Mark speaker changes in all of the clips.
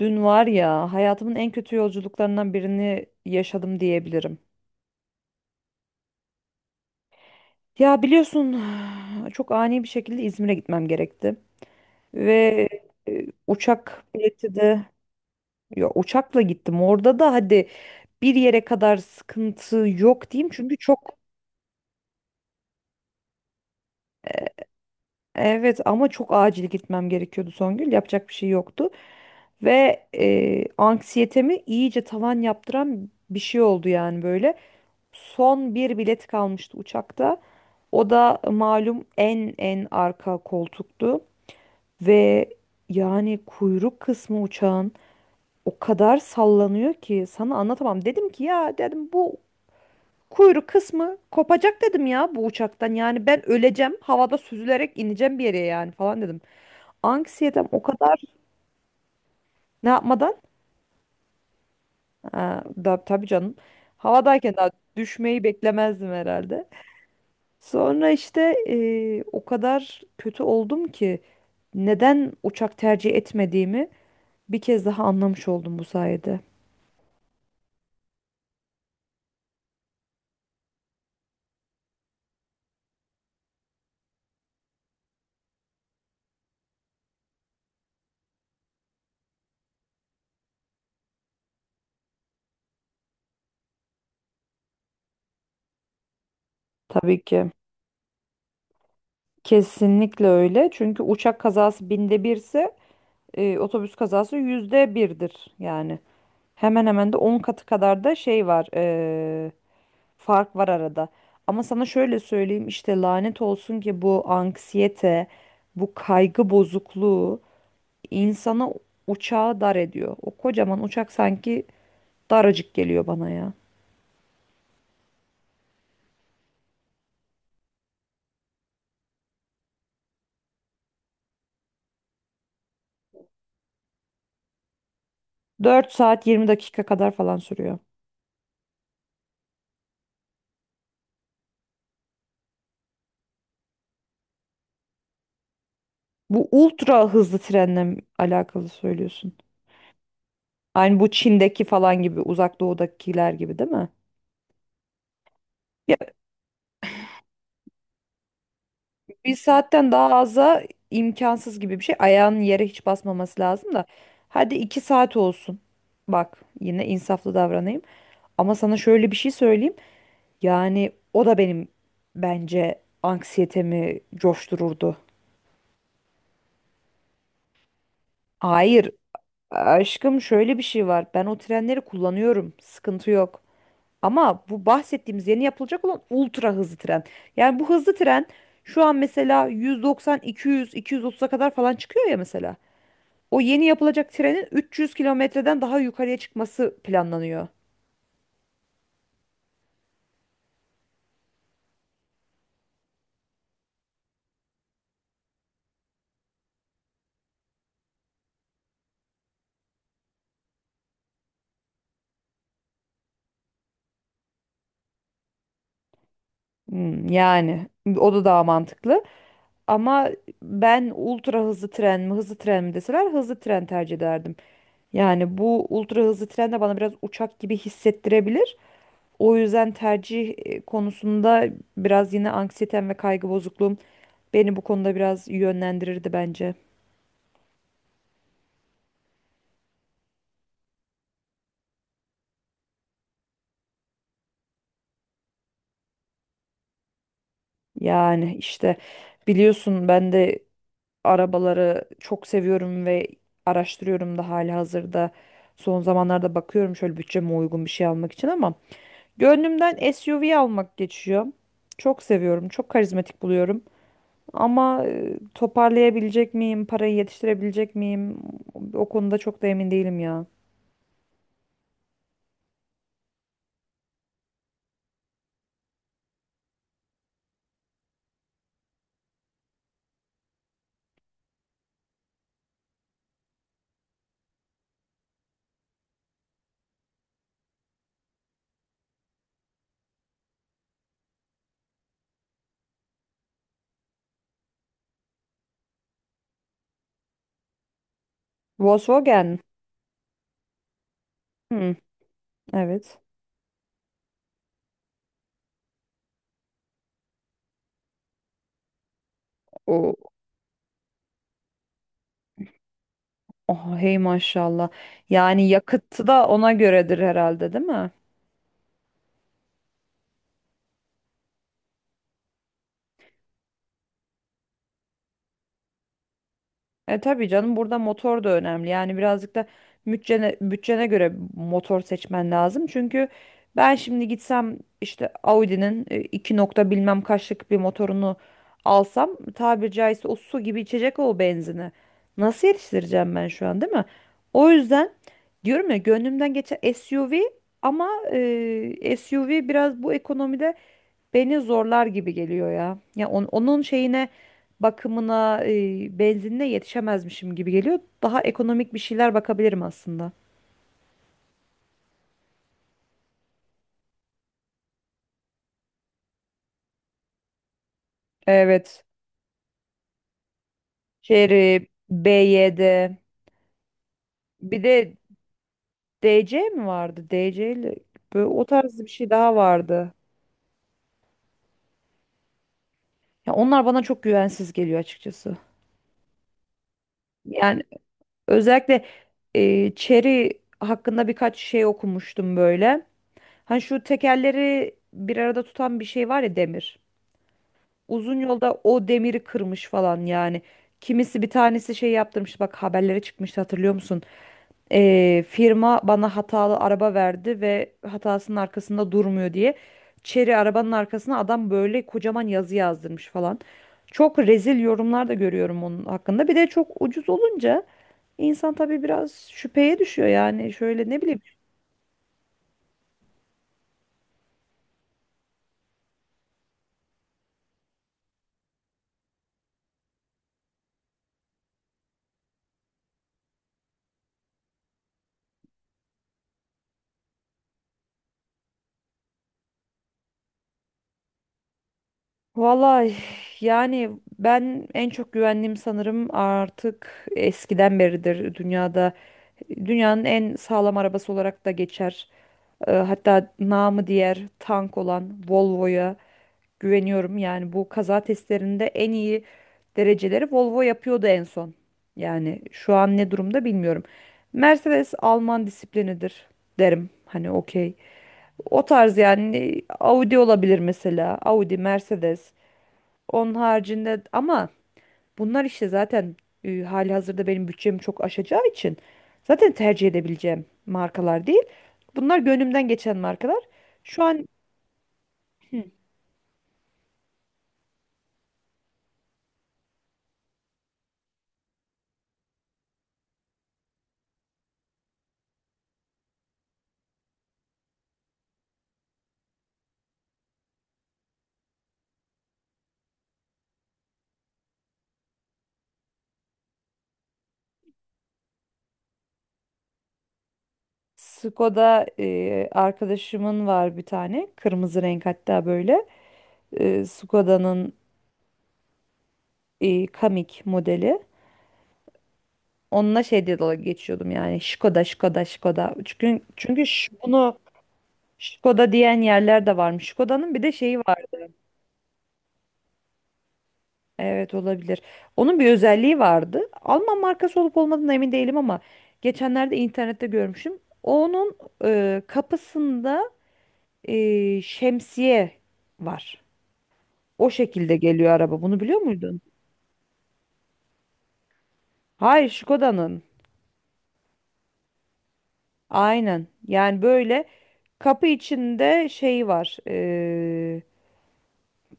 Speaker 1: Dün var ya hayatımın en kötü yolculuklarından birini yaşadım diyebilirim. Ya biliyorsun çok ani bir şekilde İzmir'e gitmem gerekti. Ve uçak bileti de ya uçakla gittim. Orada da hadi bir yere kadar sıkıntı yok diyeyim. Çünkü çok. Evet, ama çok acil gitmem gerekiyordu Songül. Yapacak bir şey yoktu. Ve anksiyetemi iyice tavan yaptıran bir şey oldu yani böyle. Son bir bilet kalmıştı uçakta. O da malum en en arka koltuktu ve yani kuyruk kısmı uçağın o kadar sallanıyor ki sana anlatamam. Dedim ki ya dedim bu kuyruk kısmı kopacak dedim ya bu uçaktan. Yani ben öleceğim, havada süzülerek ineceğim bir yere yani falan dedim. Anksiyetem o kadar. Ne yapmadan? Ha, da, tabii canım. Havadayken daha düşmeyi beklemezdim herhalde. Sonra işte o kadar kötü oldum ki. Neden uçak tercih etmediğimi bir kez daha anlamış oldum bu sayede. Tabii ki. Kesinlikle öyle. Çünkü uçak kazası binde birse otobüs kazası %1'dir. Yani hemen hemen de 10 katı kadar da şey var. Fark var arada. Ama sana şöyle söyleyeyim işte, lanet olsun ki bu anksiyete, bu kaygı bozukluğu insana uçağı dar ediyor. O kocaman uçak sanki daracık geliyor bana ya. 4 saat 20 dakika kadar falan sürüyor. Bu ultra hızlı trenle mi alakalı söylüyorsun? Aynı bu Çin'deki falan gibi, uzak doğudakiler gibi değil mi? Ya bir saatten daha aza imkansız gibi bir şey. Ayağının yere hiç basmaması lazım da. Hadi 2 saat olsun. Bak yine insaflı davranayım. Ama sana şöyle bir şey söyleyeyim. Yani o da benim bence anksiyetemi coştururdu. Hayır, aşkım şöyle bir şey var. Ben o trenleri kullanıyorum. Sıkıntı yok. Ama bu bahsettiğimiz yeni yapılacak olan ultra hızlı tren. Yani bu hızlı tren şu an mesela 190, 200, 230'a kadar falan çıkıyor ya mesela. O yeni yapılacak trenin 300 kilometreden daha yukarıya çıkması planlanıyor. Hmm, yani o da daha mantıklı. Ama ben ultra hızlı tren mi hızlı tren mi deseler hızlı tren tercih ederdim. Yani bu ultra hızlı tren de bana biraz uçak gibi hissettirebilir. O yüzden tercih konusunda biraz yine anksiyetem ve kaygı bozukluğum beni bu konuda biraz yönlendirirdi bence. Yani işte biliyorsun, ben de arabaları çok seviyorum ve araştırıyorum da hali hazırda. Son zamanlarda bakıyorum şöyle bütçeme uygun bir şey almak için, ama gönlümden SUV almak geçiyor. Çok seviyorum, çok karizmatik buluyorum. Ama toparlayabilecek miyim, parayı yetiştirebilecek miyim? O konuda çok da emin değilim ya. Volkswagen. Hmm, evet. O, oh, hey maşallah. Yani yakıtı da ona göredir herhalde, değil mi? E tabii canım, burada motor da önemli. Yani birazcık da bütçene göre motor seçmen lazım. Çünkü ben şimdi gitsem işte Audi'nin 2 nokta bilmem kaçlık bir motorunu alsam, tabiri caizse o su gibi içecek o benzini. Nasıl yetiştireceğim ben şu an, değil mi? O yüzden diyorum ya, gönlümden geçen SUV, ama SUV biraz bu ekonomide beni zorlar gibi geliyor ya. Ya onun şeyine, bakımına, benzinine yetişemezmişim gibi geliyor. Daha ekonomik bir şeyler bakabilirim aslında. Evet. Chery, BYD, bir de DC mi vardı? DC ile böyle o tarz bir şey daha vardı. Ya onlar bana çok güvensiz geliyor açıkçası. Yani özellikle Chery hakkında birkaç şey okumuştum böyle. Hani şu tekerleri bir arada tutan bir şey var ya, demir. Uzun yolda o demiri kırmış falan yani. Kimisi, bir tanesi şey yaptırmış, bak haberlere çıkmıştı, hatırlıyor musun? Firma bana hatalı araba verdi ve hatasının arkasında durmuyor diye. Çeri arabanın arkasına adam böyle kocaman yazı yazdırmış falan. Çok rezil yorumlar da görüyorum onun hakkında. Bir de çok ucuz olunca insan tabii biraz şüpheye düşüyor yani, şöyle ne bileyim. Vallahi yani ben en çok güvendiğim, sanırım artık eskiden beridir dünyada. Dünyanın en sağlam arabası olarak da geçer. Hatta namı diğer tank olan Volvo'ya güveniyorum. Yani bu kaza testlerinde en iyi dereceleri Volvo yapıyordu en son. Yani şu an ne durumda bilmiyorum. Mercedes Alman disiplinidir, derim. Hani okey. O tarz yani Audi olabilir mesela. Audi, Mercedes. Onun haricinde ama bunlar işte zaten halihazırda benim bütçemi çok aşacağı için zaten tercih edebileceğim markalar değil. Bunlar gönlümden geçen markalar. Şu an Skoda arkadaşımın var bir tane. Kırmızı renk hatta böyle. Skoda'nın Kamik modeli. Onunla şey diye dalga geçiyordum yani. Skoda, Skoda, Skoda. Çünkü bunu Skoda diyen yerler de varmış. Skoda'nın bir de şeyi var. Evet, olabilir. Onun bir özelliği vardı. Alman markası olup olmadığına emin değilim, ama geçenlerde internette görmüşüm. Onun kapısında şemsiye var. O şekilde geliyor araba. Bunu biliyor muydun? Hayır, Skoda'nın. Aynen. Yani böyle kapı içinde şey var. e,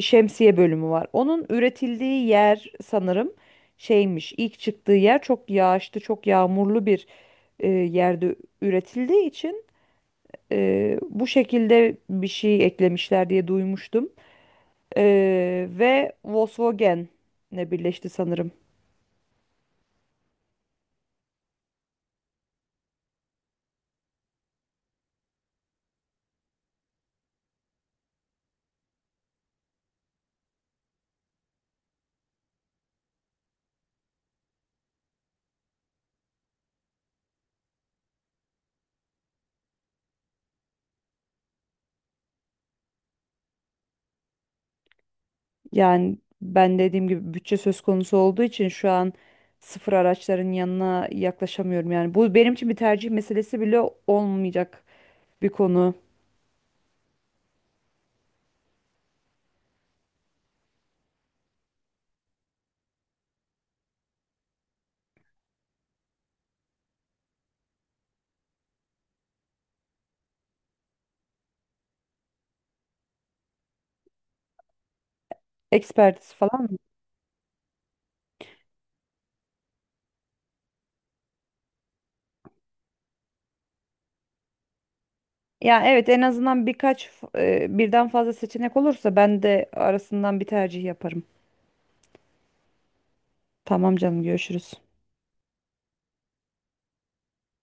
Speaker 1: şemsiye bölümü var. Onun üretildiği yer sanırım şeymiş. İlk çıktığı yer çok yağışlı, çok yağmurlu bir yerde üretildiği için bu şekilde bir şey eklemişler diye duymuştum. E, ve Volkswagen'le birleşti sanırım. Yani ben dediğim gibi bütçe söz konusu olduğu için şu an sıfır araçların yanına yaklaşamıyorum. Yani bu benim için bir tercih meselesi bile olmayacak bir konu. Ekspertiz falan. Ya evet, en azından birkaç birden fazla seçenek olursa ben de arasından bir tercih yaparım. Tamam canım, görüşürüz.